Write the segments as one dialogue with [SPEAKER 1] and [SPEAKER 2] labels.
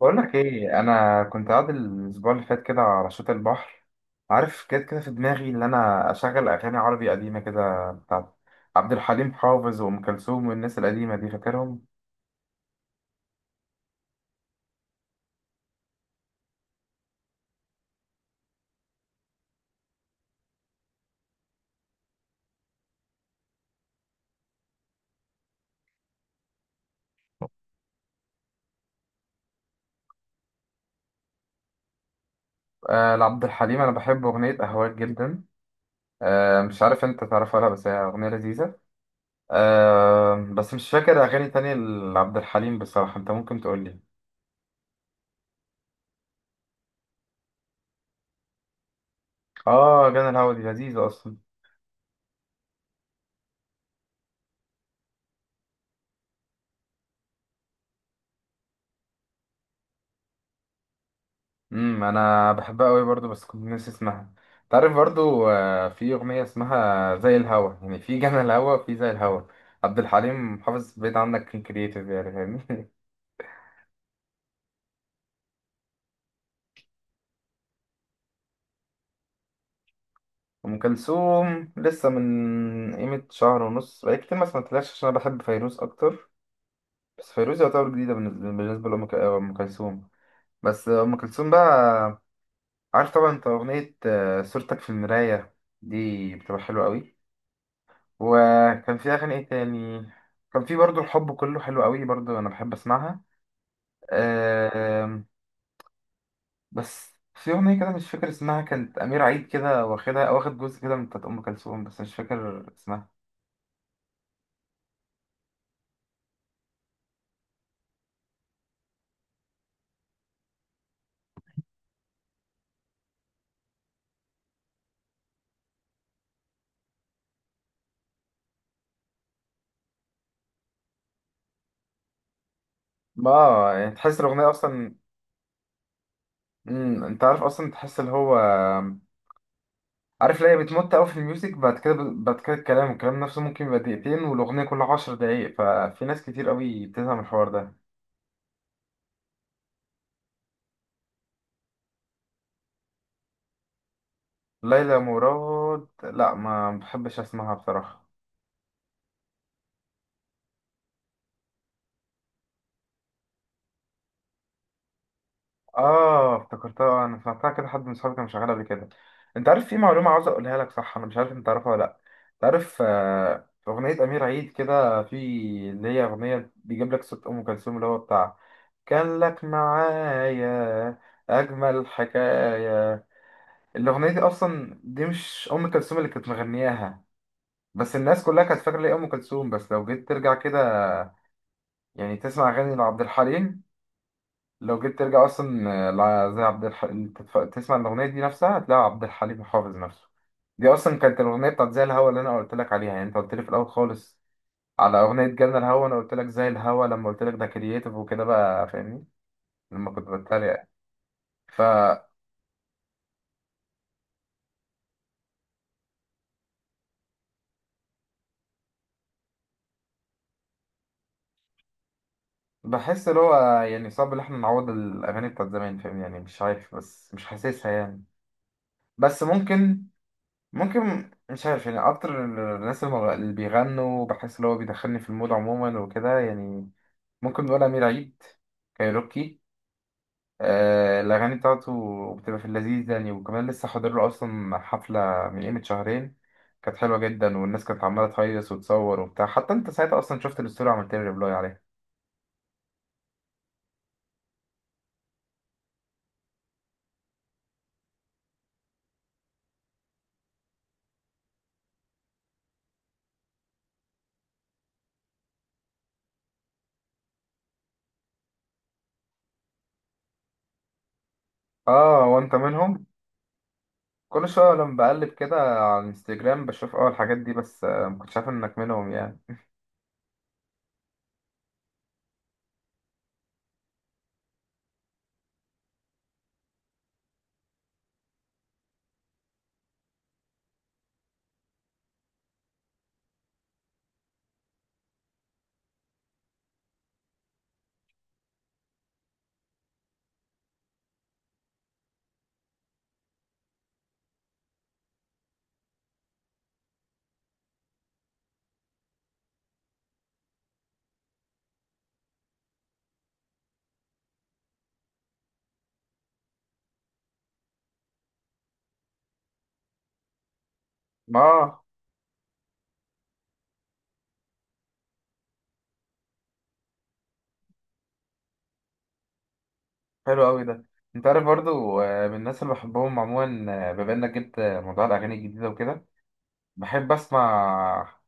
[SPEAKER 1] بقول لك ايه، انا كنت قاعد الاسبوع اللي فات كده على شط البحر. عارف، كده كده في دماغي ان انا اشغل اغاني عربي قديمه كده بتاعت عبد الحليم حافظ وام كلثوم والناس القديمه دي، فاكرهم. آه، لعبد الحليم انا بحب اغنيه اهواك جدا. آه، مش عارف انت تعرفها ولا، بس هي اغنيه لذيذه. آه بس مش فاكر اغاني تانية لعبد الحليم بصراحه، انت ممكن تقول لي. اه، جانا الهوا دي لذيذه اصلا. انا بحبها قوي برضو، بس كنت ناسي اسمها. تعرف برضو، في اغنيه اسمها زي الهوا، يعني في جنى الهوا وفي زي الهوا. عبد الحليم حافظ بيت عندك كان كرييتيف يعني، فاهمني. ام كلثوم لسه من قيمه شهر ونص، بقالي كتير ما سمعتلهاش عشان انا بحب فيروز اكتر. بس فيروز يعتبر جديده بالنسبة لام ك- آه، أم كلثوم. بس ام كلثوم بقى، عارف طبعا، انت اغنيه صورتك في المرايه دي بتبقى حلوه قوي. وكان في اغاني ايه تاني. كان في برضو الحب كله حلو قوي برضو، انا بحب اسمعها. آم، بس في اغنيه كده مش فاكر اسمها كانت امير عيد كده واخدها، واخد جزء كده من بتاعت ام كلثوم، بس مش فاكر اسمها. ما يعني تحس الاغنيه اصلا. مم. انت عارف اصلا تحس اللي هو، عارف ليه بتمط قوي في الميوزك بعد كده، بعد كده الكلام نفسه ممكن يبقى دقيقتين والاغنيه كلها 10 دقايق، ففي ناس كتير قوي بتفهم الحوار ده. ليلى مراد لا، ما بحبش اسمعها بصراحه. اه افتكرتها، انا سمعتها كده، حد من صحابي كان شغال قبل كده. انت عارف في معلومه عاوز اقولها لك، صح؟ انا مش عارف انت تعرفها ولا لا. انت عارف، في اغنيه امير عيد كده، في اللي هي اغنيه بيجيب لك صوت ام كلثوم اللي هو بتاع كان لك معايا، اجمل حكايه. الاغنيه دي اصلا دي مش ام كلثوم اللي كانت مغنياها، بس الناس كلها كانت فاكره ليه ام كلثوم. بس لو جيت ترجع كده يعني، تسمع اغاني لعبد الحليم. لو جيت ترجع اصلا، زي عبد الحليم، تسمع الاغنيه دي نفسها، هتلاقي عبد الحليم حافظ نفسه. دي اصلا كانت الاغنيه بتاعت زي الهوا اللي انا قلت لك عليها، يعني انت قلت لي في الاول خالص على اغنيه جالنا الهوا، انا قلت لك زي الهوا لما قلت لك ده كرييتيف وكده بقى، فاهمني، لما كنت بتريق يعني. فبحس اللي هو يعني صعب ان احنا نعوض الاغاني بتاعت زمان، فاهمني، يعني مش عارف، بس مش حاسسها يعني. بس ممكن، ممكن مش عارف، يعني اكتر الناس اللي بيغنوا بحس اللي هو بيدخلني في المود عموما وكده يعني، ممكن نقول أمير عيد، كايروكي. آه، الأغاني بتاعته بتبقى في اللذيذ يعني، وكمان لسه حاضر له أصلا حفلة من قيمة شهرين. كانت حلوة جدا والناس كانت عمالة تهيص وتصور وبتاع، حتى أنت ساعتها أصلا شفت الستوري وعملت لي ريبلاي عليها. آه، وأنت منهم. كل شوية لما بقلب كده على الانستجرام بشوف أول الحاجات دي، بس آه مكنتش عارف إنك منهم يعني. آه، حلو أوي ده. أنت عارف برضو، من الناس اللي بحبهم عموما، بما إنك جبت موضوع الأغاني الجديدة وكده، بحب أسمع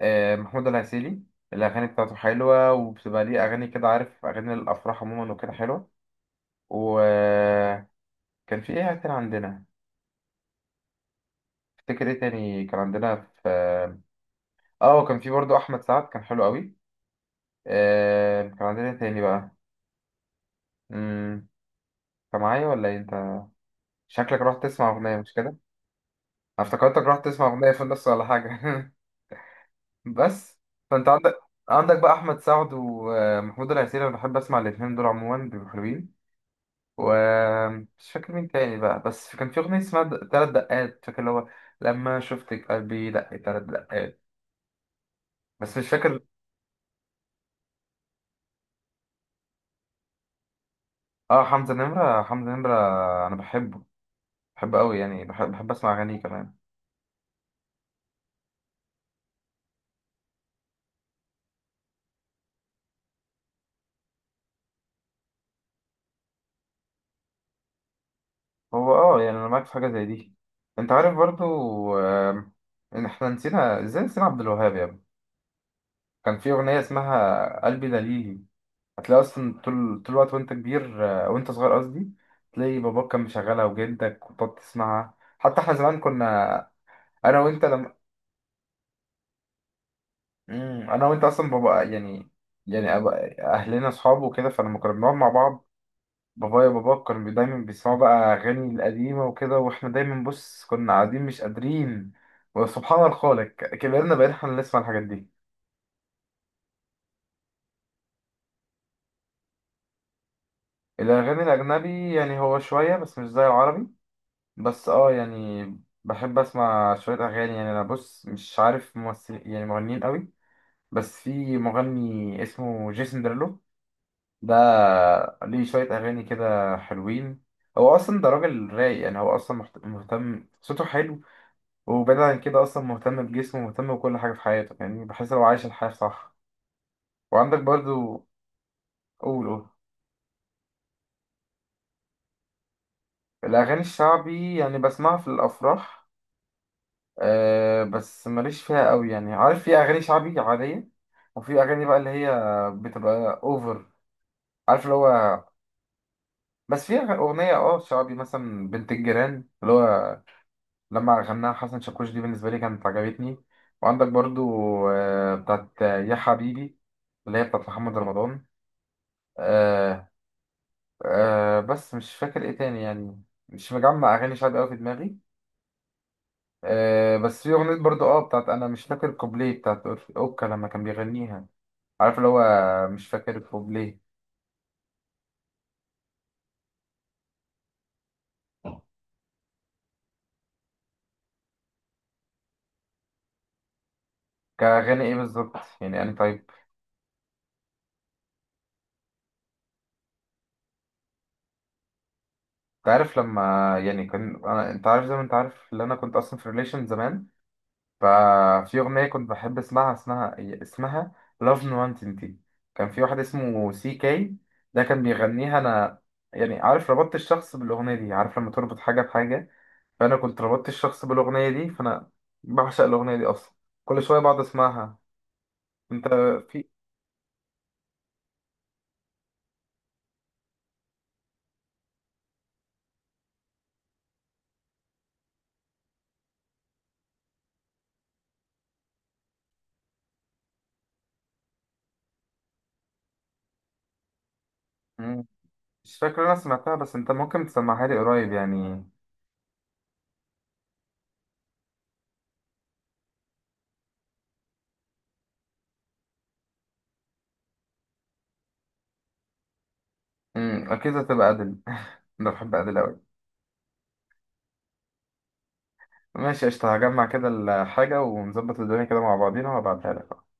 [SPEAKER 1] محمود العسيلي. الأغاني بتاعته حلوة، وبتبقى ليه أغاني كده، عارف أغاني الأفراح عموما وكده حلوة. وكان في إيه تاني عندنا، افتكر إيه تاني كان عندنا في وكان في برضه أحمد سعد كان حلو قوي. كان عندنا إيه تاني بقى؟ مم، أنت معايا ولا إيه أنت؟ شكلك رحت تسمع أغنية مش كده؟ أنا افتكرتك رحت تسمع أغنية في النص ولا حاجة. بس، فأنت عندك بقى أحمد سعد ومحمود العسيلي، أنا بحب أسمع الاتنين دول عموما بيبقوا حلوين. ومش فاكر مين تاني بقى، بس كان في أغنية اسمها تلات دقات، فاكر اللي هو لما شفتك قلبي دق تلات دقات. بس مش فاكر. اه، حمزة نمرة، حمزة نمرة أنا بحبه، بحبه أوي يعني، بحب أسمع أغانيه كمان. هو اه يعني أنا معاك في حاجة زي دي. أنت عارف برضو، آم، إن إحنا نسينا إزاي، نسينا عبد الوهاب يا ابني. كان في أغنية اسمها قلبي دليلي، هتلاقي أصلا طول طول الوقت وأنت كبير، وأنت صغير قصدي، تلاقي باباك كان مشغلها وجدك وتقعد تسمعها. حتى احنا زمان كنا، انا وانت لما، مم. انا وانت اصلا بابا يعني، يعني أبقى اهلنا اصحاب وكده، فلما كنا بنقعد مع بعض بابايا وبابا كانوا دايما بيسمعوا بقى اغاني القديمه وكده، واحنا دايما بص كنا قاعدين مش قادرين. وسبحان الخالق كبرنا بقينا احنا اللي نسمع الحاجات دي. الاغاني الاجنبي يعني هو شويه بس مش زي العربي، بس اه يعني بحب اسمع شويه اغاني يعني. انا بص مش عارف ممثل يعني مغنيين قوي، بس في مغني اسمه جيسون ديرلو، ده ليه شوية أغاني كده حلوين. هو أصلا ده راجل رايق يعني، هو أصلا مهتم، صوته حلو. وبعيد عن كده أصلا مهتم بجسمه، مهتم بكل حاجة في حياته، يعني بحس لو عايش الحياة صح. وعندك برضو، قول قول. الأغاني الشعبي يعني بسمعها في الأفراح، أه بس ماليش فيها قوي يعني. عارف في أغاني شعبي عادية، وفي أغاني بقى اللي هي بتبقى أوفر، عارف اللي هو. بس في أغنية اه شعبي مثلا بنت الجيران اللي هو لما غناها حسن شاكوش، دي بالنسبة لي كانت عجبتني. وعندك برضو، بتاعت يا حبيبي اللي هي بتاعت محمد رمضان. آه. بس مش فاكر ايه تاني يعني، مش مجمع أغاني شعبي أوي في دماغي. بس في أغنية برضو بتاعت، أنا مش فاكر كوبليه بتاعت أوكا لما كان بيغنيها، عارف اللي هو، مش فاكر كوبليه. كأغاني ايه بالظبط يعني أنا، طيب؟ انت عارف لما يعني كان، أنا انت عارف زي ما انت عارف اللي انا كنت اصلا في ريليشن زمان، ففي أغنية كنت بحب اسمعها اسمها اسمها Love Nonentity، كان في واحد اسمه CK ده كان بيغنيها. أنا يعني عارف ربطت الشخص بالأغنية دي، عارف لما تربط حاجة بحاجة، فأنا كنت ربطت الشخص بالأغنية دي، فأنا بعشق الأغنية دي أصلا، كل شوية بقعد أسمعها. أنت، في، مم. مش فاكر أنا سمعتها، بس أنت ممكن تسمعها لي قريب يعني. أكيد هتبقى أدل. أنا بحب أدل أوي. ماشي قشطة، هجمع كده الحاجة ونظبط الدنيا كده مع بعضينا وهبعتها لك.